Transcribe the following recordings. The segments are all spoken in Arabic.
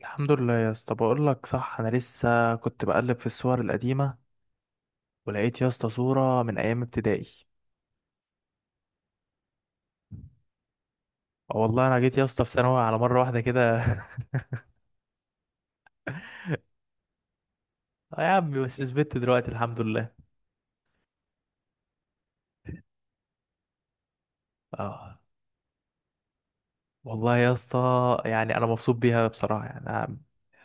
الحمد لله يا اسطى، بقول لك صح. انا لسه كنت بقلب في الصور القديمه، ولقيت يا اسطى صوره من ايام ابتدائي. اه والله، انا جيت يا اسطى في ثانوي على مره واحده كده اه يا عمي، بس ثبت دلوقتي الحمد لله. اه والله يا اسطى، يعني انا مبسوط بيها بصراحه. يعني أنا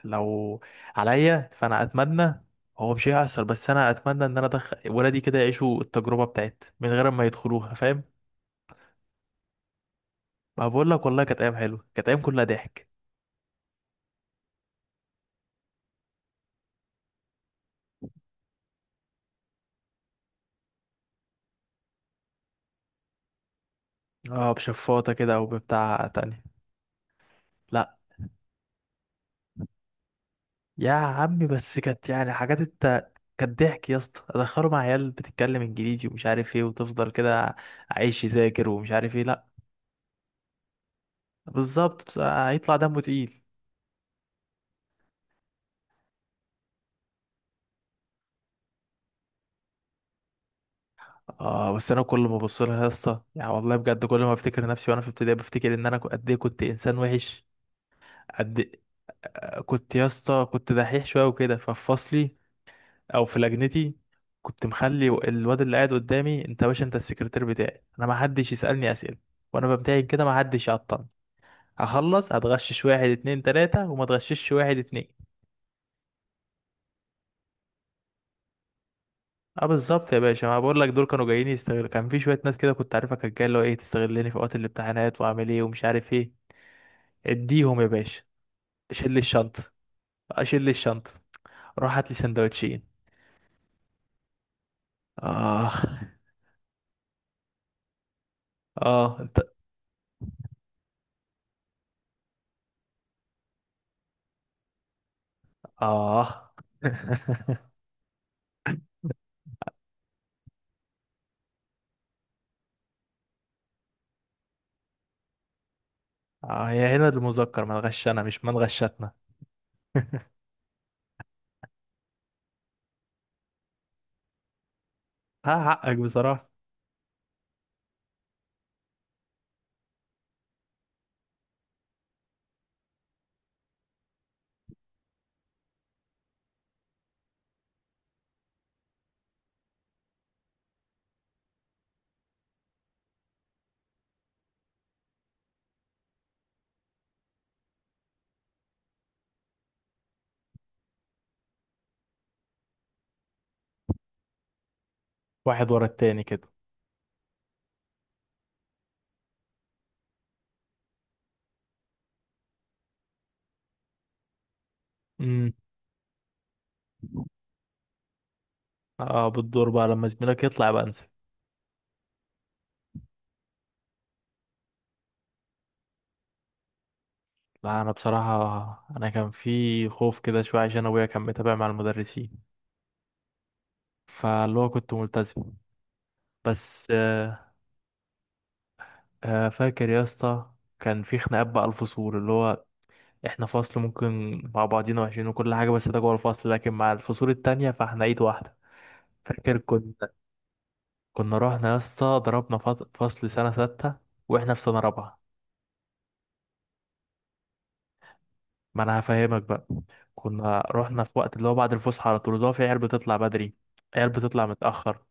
لو عليا فانا اتمنى. هو مش هيحصل، بس انا اتمنى ان انا ادخل ولادي كده يعيشوا التجربه بتاعت من غير ما يدخلوها، فاهم؟ ما بقول لك والله كانت ايام حلوه، كانت ايام كلها ضحك. اه، بشفاطه كده او بتاع تانية. لا يا عمي بس كانت يعني حاجات كانت ضحك يا اسطى، ادخله مع عيال بتتكلم انجليزي ومش عارف ايه، وتفضل كده عايش يذاكر ومش عارف ايه. لا بالظبط، بس هيطلع دمه تقيل. اه بس انا كل ما ابص لها يا اسطى، يعني والله بجد كل ما افتكر نفسي وانا في ابتدائي بفتكر ان انا قد ايه كنت انسان وحش. قد إيه؟ كنت يا اسطى، كنت دحيح شويه وكده. ففي فصلي او في لجنتي، كنت مخلي الواد اللي قاعد قدامي، انت يا باشا انت السكرتير بتاعي. انا ما حدش يسالني اسئله وانا بمتحن كده، ما حدش يعطل. هخلص هتغشش واحد اتنين تلاتة وما تغششش واحد اتنين. اه بالظبط يا باشا، ما بقول لك دول كانوا جايين يستغلوا. كان في شوية ناس كده كنت عارفها، كانت جاية اللي هو ايه، تستغلني في وقت الامتحانات، واعمل ايه ومش عارف ايه. اديهم يا باشا. شيل لي الشنطة، اشيل لي الشنطة، روح هات لي سندوتشين. اه. اه، انت. اه اه يا هنا المذكر، ما نغشنا مش ما نغشتنا. ها، حقك بصراحة. واحد ورا التاني كده. امم. اه، بالدور بقى لما زميلك يطلع بقى انسى. لا انا بصراحه، انا كان في خوف كده شويه عشان ابويا كان متابع مع المدرسين، فاللي هو كنت ملتزم. بس فاكر يا اسطى كان في خناقات بقى. الفصول اللي هو، احنا فصل ممكن مع بعضينا وحشين وكل حاجه، بس ده جوه الفصل، لكن مع الفصول التانية فاحنا ايد واحده. فاكر كنا، كنا رحنا يا اسطى ضربنا فصل سنه سته واحنا في سنه رابعه. ما انا هفهمك بقى. كنا رحنا في وقت اللي هو بعد الفسحه على طول، اللي هو في عيال بتطلع بدري، عيال بتطلع متاخر.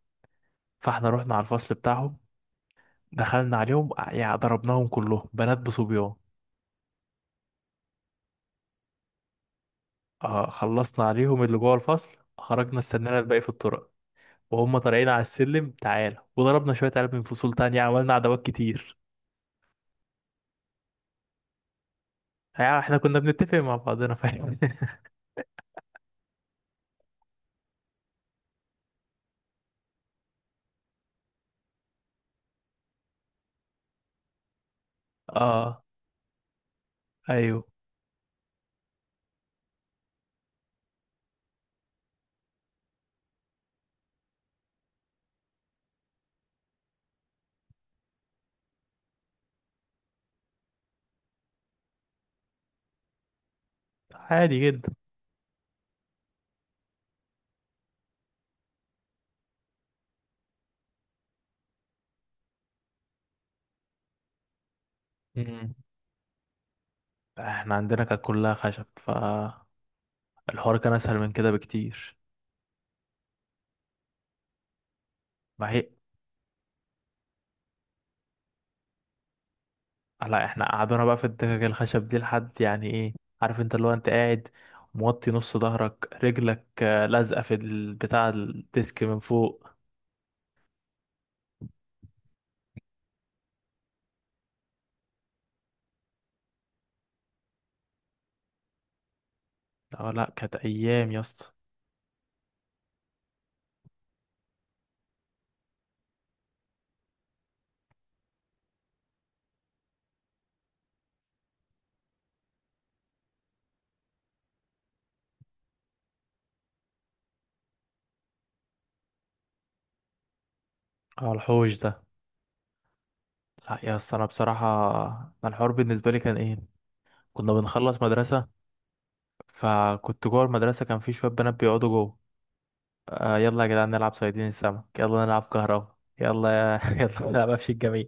فاحنا رحنا على الفصل بتاعهم، دخلنا عليهم. يعني ضربناهم كلهم، بنات بصبيان. آه، خلصنا عليهم اللي جوه الفصل. خرجنا استنينا الباقي في الطرق، وهم طالعين على السلم، تعالى وضربنا شوية عيال من فصول تانية، عملنا عداوات كتير. يعني احنا كنا بنتفق مع بعضنا، فاهم؟ اه. ايوه، عادي جدا. مم. احنا عندنا كانت كلها خشب، فالحوار كان اسهل من كده بكتير. ما هي. لا، احنا قعدونا بقى في الدكك الخشب دي لحد يعني ايه. عارف انت اللي هو انت قاعد موطي نص ظهرك، رجلك لازقة في بتاع الديسك من فوق. لا لا، كانت ايام يا اسطى. اه، الحوش ده. لا يا اسطى، انا بصراحة انا الحوار بالنسبة لي كان ايه، كنا بنخلص مدرسة، فكنت جوه المدرسة كان في شوية بنات بيقعدوا جوه. آه، يلا يا جدعان نلعب صيادين السمك، يلا نلعب كهربا، يلا يا يلا نلعب قفش الجميع.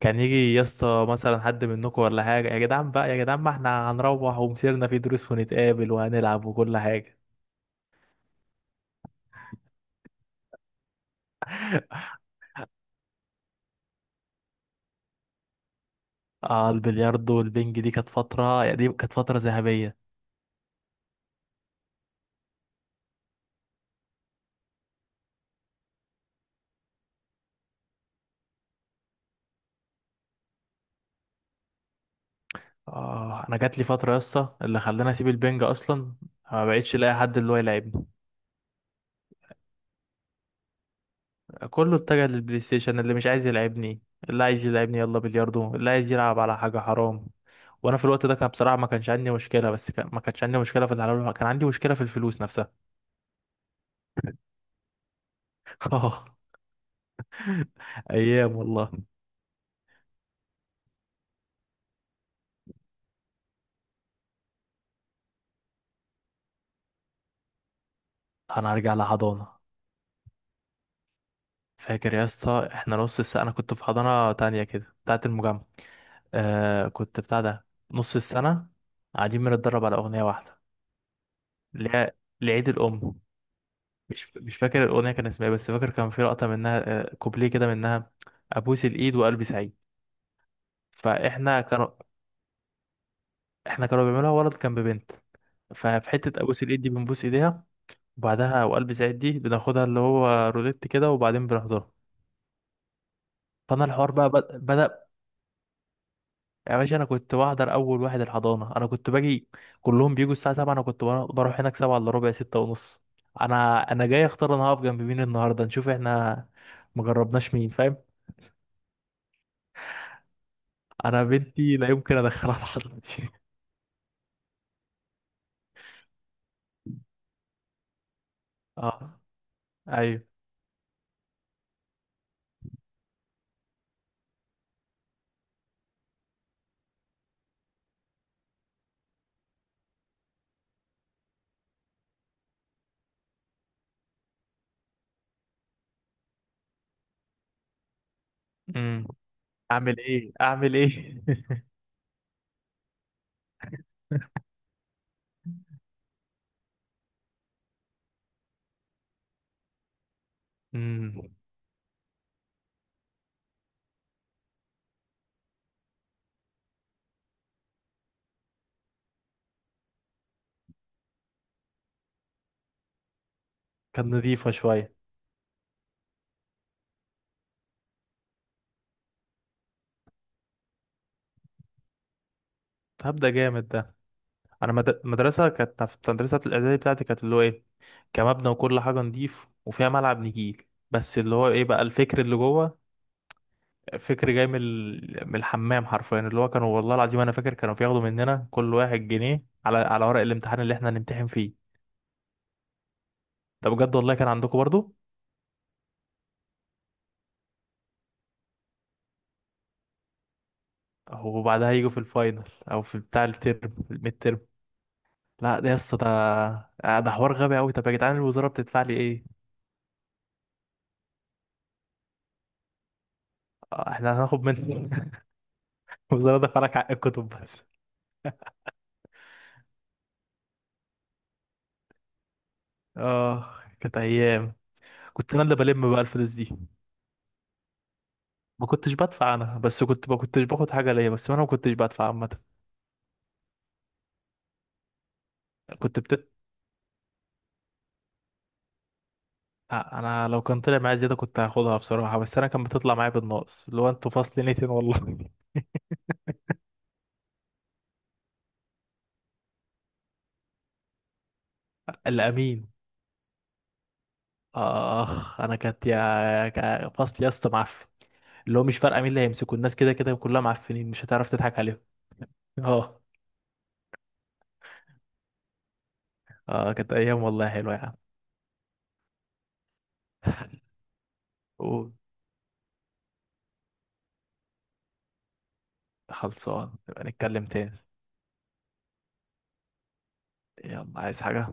كان يجي يا اسطى مثلا حد منكم ولا حاجة، يا جدعان بقى يا جدعان ما احنا هنروح ومسيرنا في دروس ونتقابل وهنلعب وكل حاجة. اه، البلياردو والبنج دي كانت فترة. يعني دي كانت فترة ذهبية. اه، انا جات لي فترة يا اسطى اللي خلاني اسيب البنج اصلا. ما بقتش الاقي حد اللي هو يلعبني. كله اتجه للبلاي ستيشن. اللي مش عايز يلعبني، اللي عايز يلعبني يلا بلياردو، اللي عايز يلعب على حاجة حرام. وانا في الوقت ده كان بصراحة ما كانش عندي مشكلة، بس كان ما كانش عندي مشكلة في الحلال، كان عندي مشكلة في الفلوس نفسها. اه، ايام والله. انا ارجع لحضانه. فاكر يا اسطى احنا نص السنه انا كنت في حضانه تانية كده بتاعه المجمع. آه، كنت بتاع ده نص السنه، قاعدين بنتدرب على اغنيه واحده. اللي هي لعيد الام. مش فاكر الاغنيه كان اسمها ايه، بس فاكر كان في لقطه منها، كوبليه كده منها. ابوس الايد وقلبي سعيد. فاحنا كانوا احنا كانوا بيعملوها ولد كان ببنت. ففي حته ابوس الايد دي بنبوس ايديها، وبعدها وقلبي سعيد دي بناخدها اللي هو روليت كده، وبعدين بنحضرها. فانا الحوار بقى بدأ. يا باشا انا كنت بحضر اول واحد الحضانه، انا كنت باجي. كلهم بيجوا الساعه 7، انا كنت بروح هناك 7 الا ربع، 6 ونص. انا جاي اختار انا هقف جنب مين النهارده، نشوف احنا مجربناش مين، فاهم؟ انا بنتي لا يمكن ادخلها الحضانه دي اه. ايوه. امم. اعمل ايه اعمل ايه امم. كانت نضيفه شويه. هبدا جامد ده. انا مدرسه، كانت في مدرسه الاعدادي بتاعتي، كانت اللي هو ايه، كمبنى وكل حاجه نضيف وفيها ملعب نجيل. بس اللي هو ايه بقى الفكر اللي جوه. فكر جاي من الحمام حرفيا. اللي هو كانوا والله العظيم انا فاكر كانوا بياخدوا مننا كل واحد جنيه على ورق الامتحان اللي احنا هنمتحن فيه. ده بجد والله، كان عندكم برضو؟ وبعدها يجوا في الفاينل، او في بتاع الترم، في الميد ترم. لا ده يا اسطى ده، ده حوار غبي قوي. طب يا جدعان الوزاره بتدفع لي ايه؟ احنا هناخد من الوزاره دفع لك حق الكتب بس. اه، كانت ايام. كنت انا اللي بلم بقى الفلوس دي. ما كنتش بدفع انا، بس كنت ما كنتش باخد حاجه ليا، بس انا ما كنتش بدفع عامه. كنت آه، انا لو كان طلع معايا زياده كنت هاخدها بصراحه، بس انا كان بتطلع معايا بالناقص، اللي هو انتوا فصل نيتين والله. الامين. اخ، انا كانت فصل يا اسطى معفن. اللي هو مش فارقه مين اللي هيمسكوا، الناس كده كده كلها معفنين، مش هتعرف تضحك عليهم. اه. اه، كانت ايام والله حلوه يا عم. قول. خلصان نبقى نتكلم تاني. يلا، عايز حاجه؟